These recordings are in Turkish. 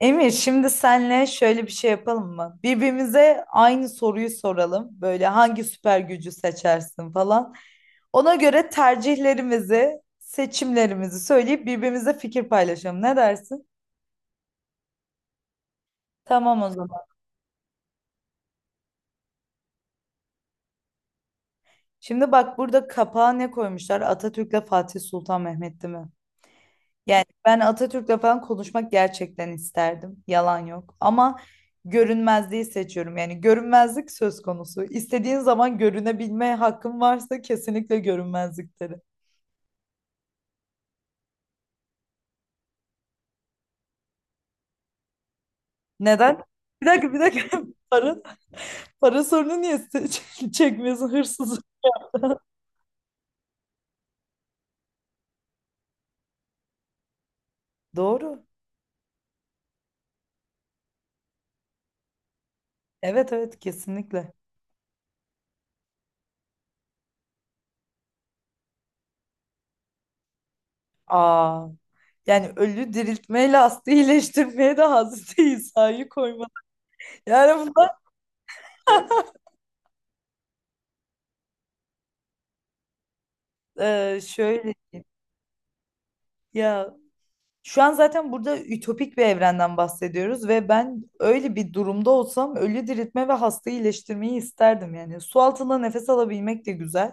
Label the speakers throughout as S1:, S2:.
S1: Emir, şimdi senle şöyle bir şey yapalım mı? Birbirimize aynı soruyu soralım. Böyle hangi süper gücü seçersin falan. Ona göre tercihlerimizi, seçimlerimizi söyleyip birbirimize fikir paylaşalım. Ne dersin? Tamam, o zaman. Şimdi bak, burada kapağa ne koymuşlar? Atatürk'le Fatih Sultan Mehmet'ti mi? Yani ben Atatürk'le falan konuşmak gerçekten isterdim. Yalan yok. Ama görünmezliği seçiyorum. Yani görünmezlik söz konusu. İstediğin zaman görünebilme hakkın varsa kesinlikle görünmezlikleri. Neden? Bir dakika, bir dakika. Para, Para sorunu niye çekmiyorsun hırsız? Doğru. Evet, evet, kesinlikle. Aa, yani ölü diriltmeyle hasta iyileştirmeye de Hazreti İsa'yı koymadı. Yani bunlar şöyle ya. Şu an zaten burada ütopik bir evrenden bahsediyoruz ve ben öyle bir durumda olsam ölü diriltme ve hastayı iyileştirmeyi isterdim yani. Su altında nefes alabilmek de güzel.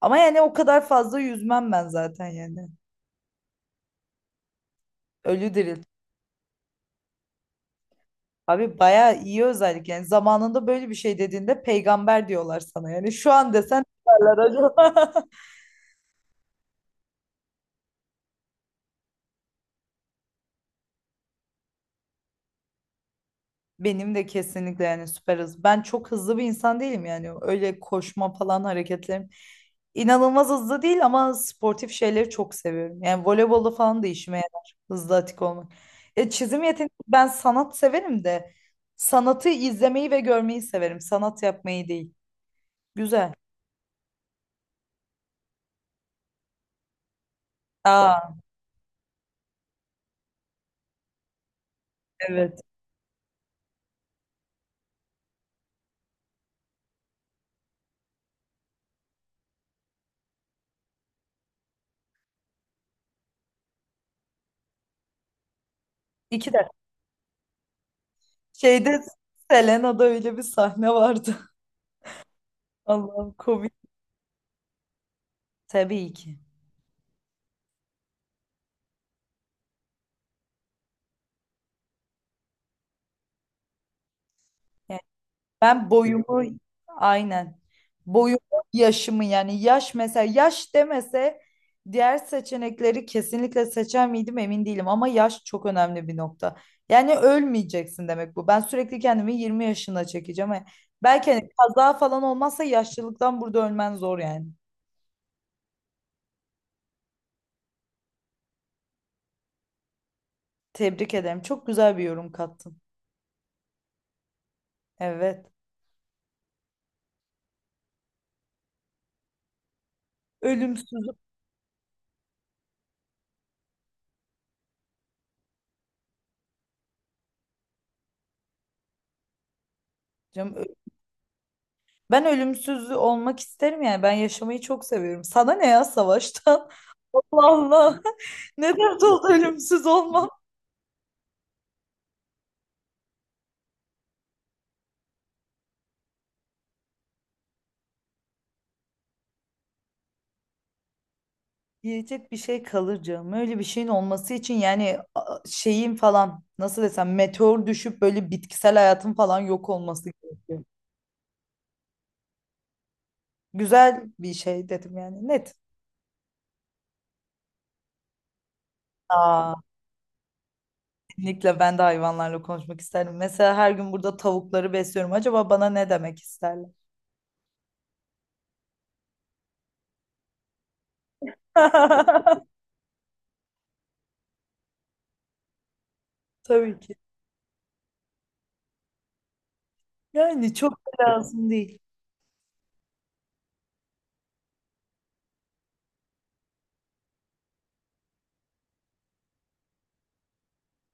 S1: Ama yani o kadar fazla yüzmem ben zaten yani. Ölü dirilt. Abi bayağı iyi özellik yani. Zamanında böyle bir şey dediğinde peygamber diyorlar sana yani. Şu an desen ne derler acaba? Benim de kesinlikle yani süper hız. Ben çok hızlı bir insan değilim yani. Öyle koşma falan hareketlerim inanılmaz hızlı değil ama sportif şeyleri çok seviyorum. Yani voleybolu falan da işime yarar. Hızlı atik olmak. Çizim yeteneği, ben sanat severim de sanatı izlemeyi ve görmeyi severim. Sanat yapmayı değil. Güzel. Aa, evet. İki de. Şeyde Selena'da öyle bir sahne vardı. Allah'ım komik. Tabii ki. Ben boyumu aynen. Boyumu, yaşımı, yani yaş, mesela yaş demese diğer seçenekleri kesinlikle seçer miydim emin değilim ama yaş çok önemli bir nokta. Yani ölmeyeceksin demek bu. Ben sürekli kendimi 20 yaşına çekeceğim. Belki hani kaza falan olmazsa yaşlılıktan burada ölmen zor yani. Tebrik ederim. Çok güzel bir yorum kattın. Evet. Ölümsüzlük. Canım, ben ölümsüz olmak isterim yani. Ben yaşamayı çok seviyorum. Sana ne ya savaştan? Allah Allah. Ne dert oldu ölümsüz olmam? Yiyecek bir şey kalır canım. Öyle bir şeyin olması için yani şeyin falan, nasıl desem, meteor düşüp böyle bitkisel hayatın falan yok olması gerekiyor. Güzel bir şey dedim yani, net. Aa, kesinlikle ben de hayvanlarla konuşmak isterdim. Mesela her gün burada tavukları besliyorum. Acaba bana ne demek isterler? Tabii ki. Yani çok da lazım değil.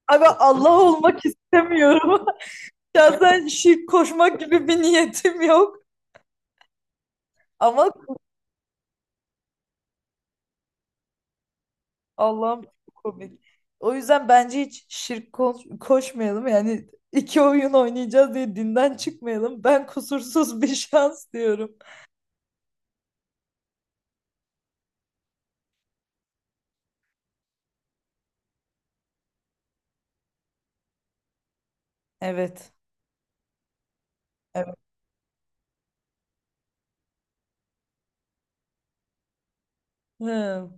S1: Abi Allah olmak istemiyorum. Şahsen şirk koşmak gibi bir niyetim yok. Ama. Allah'ım çok komik. O yüzden bence hiç şirk koşmayalım. Yani iki oyun oynayacağız diye dinden çıkmayalım. Ben kusursuz bir şans diyorum. Evet. Evet. Hı.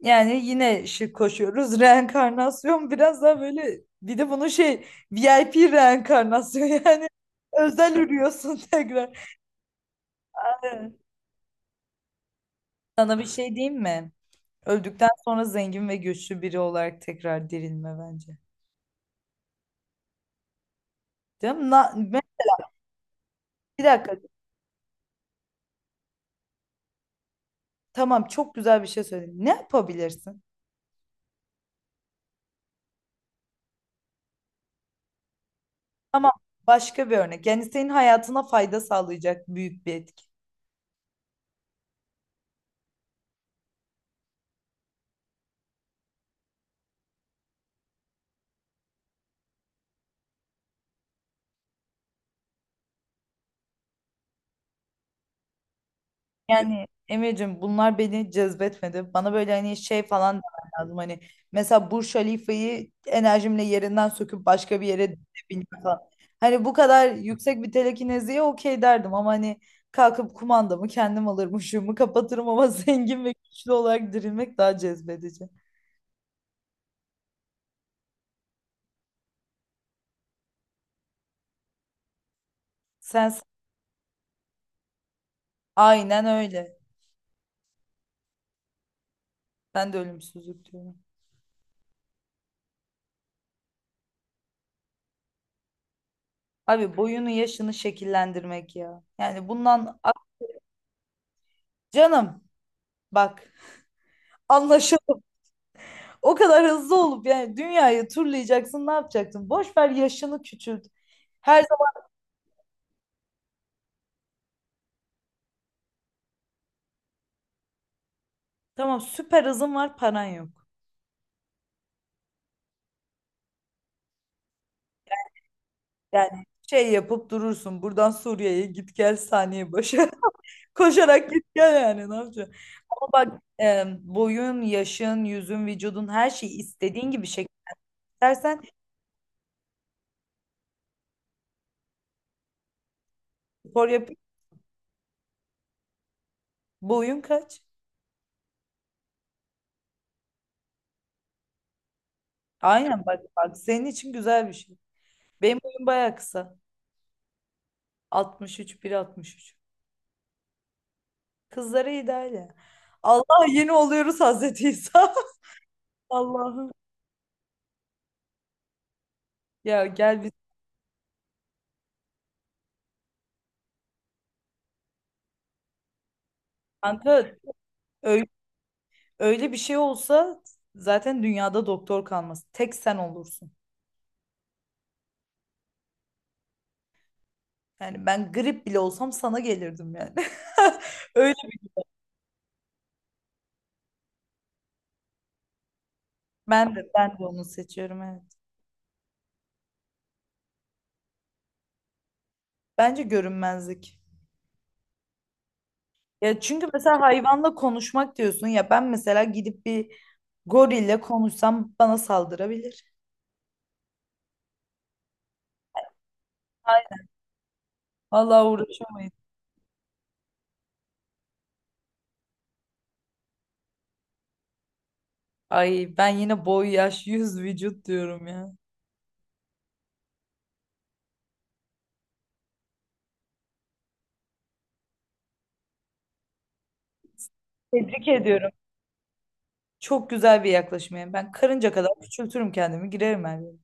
S1: Yani yine şirk koşuyoruz. Reenkarnasyon biraz daha böyle, bir de bunun şey, VIP reenkarnasyon yani özel ürüyorsun tekrar. Sana bir şey diyeyim mi? Öldükten sonra zengin ve güçlü biri olarak tekrar dirilme bence. Değil mi? Bir dakika. Tamam, çok güzel bir şey söyledin. Ne yapabilirsin? Tamam, başka bir örnek. Yani senin hayatına fayda sağlayacak büyük bir etki. Yani Emre'cim bunlar beni cezbetmedi. Bana böyle hani şey falan demen lazım. Hani mesela Burj Halifa'yı enerjimle yerinden söküp başka bir yere binmek falan. Hani bu kadar yüksek bir telekineziye okey derdim ama hani kalkıp kumandamı kendim alırım, ışığımı kapatırım ama zengin ve güçlü olarak dirilmek daha cezbedici. Sen aynen öyle. Ben de ölümsüzlük diyorum. Abi boyunu, yaşını şekillendirmek ya. Yani bundan ah, canım, bak, anlaşıldı. O kadar hızlı olup yani dünyayı turlayacaksın, ne yapacaksın? Boş ver, yaşını küçült. Her zaman. Tamam, süper hızın var, paran yok. Yani şey yapıp durursun, buradan Suriye'ye git gel saniye başı. Koşarak git gel, yani ne yapacaksın? Ama bak, boyun, yaşın, yüzün, vücudun, her şeyi istediğin gibi şekil istersen spor yap. Boyun kaç? Aynen, bak bak, senin için güzel bir şey. Benim boyum bayağı kısa. 63, 1,63. Kızları ideal. Allah yeni oluyoruz, Hazreti İsa. Allah'ım. Ya gel biz kanka, öyle, öyle bir şey olsa zaten dünyada doktor kalmaz. Tek sen olursun. Yani ben grip bile olsam sana gelirdim yani. Öyle, ben de onu seçiyorum, evet. Bence görünmezlik. Ya çünkü mesela hayvanla konuşmak diyorsun ya, ben mesela gidip bir gorille konuşsam bana saldırabilir. Hayır. Vallahi uğraşamayız. Ay, ben yine boy, yaş, yüz, vücut diyorum ya. Tebrik ediyorum. Çok güzel bir yaklaşım yani. Ben karınca kadar küçültürüm kendimi, girerim her yere.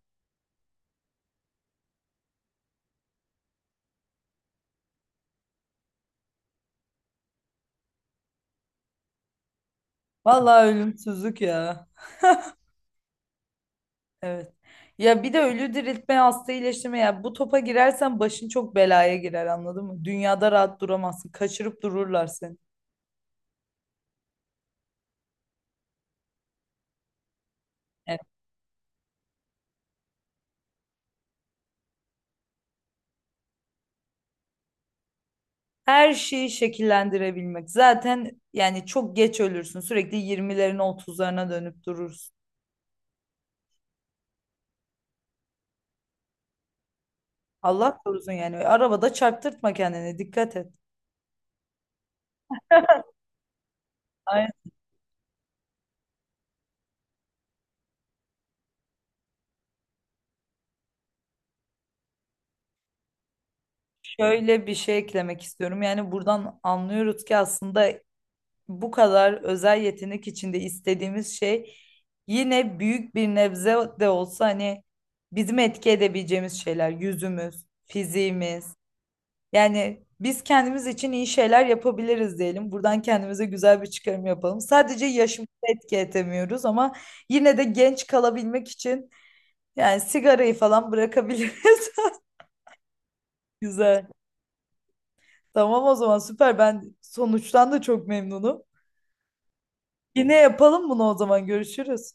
S1: Vallahi ölümsüzlük ya. Evet. Ya bir de ölü diriltme, hasta iyileştirme ya. Bu topa girersen başın çok belaya girer, anladın mı? Dünyada rahat duramazsın. Kaçırıp dururlar seni. Evet. Her şeyi şekillendirebilmek. Zaten yani çok geç ölürsün. Sürekli 20'lerine, otuzlarına dönüp durursun. Allah korusun yani. Arabada çarptırtma kendini. Dikkat et. Şöyle bir şey eklemek istiyorum. Yani buradan anlıyoruz ki aslında bu kadar özel yetenek içinde istediğimiz şey yine büyük bir nebze de olsa hani bizim etki edebileceğimiz şeyler, yüzümüz, fiziğimiz. Yani biz kendimiz için iyi şeyler yapabiliriz diyelim. Buradan kendimize güzel bir çıkarım yapalım. Sadece yaşımızı etki edemiyoruz ama yine de genç kalabilmek için yani sigarayı falan bırakabiliriz. Güzel. Tamam, o zaman süper. Ben sonuçtan da çok memnunum. Yine yapalım bunu o zaman. Görüşürüz.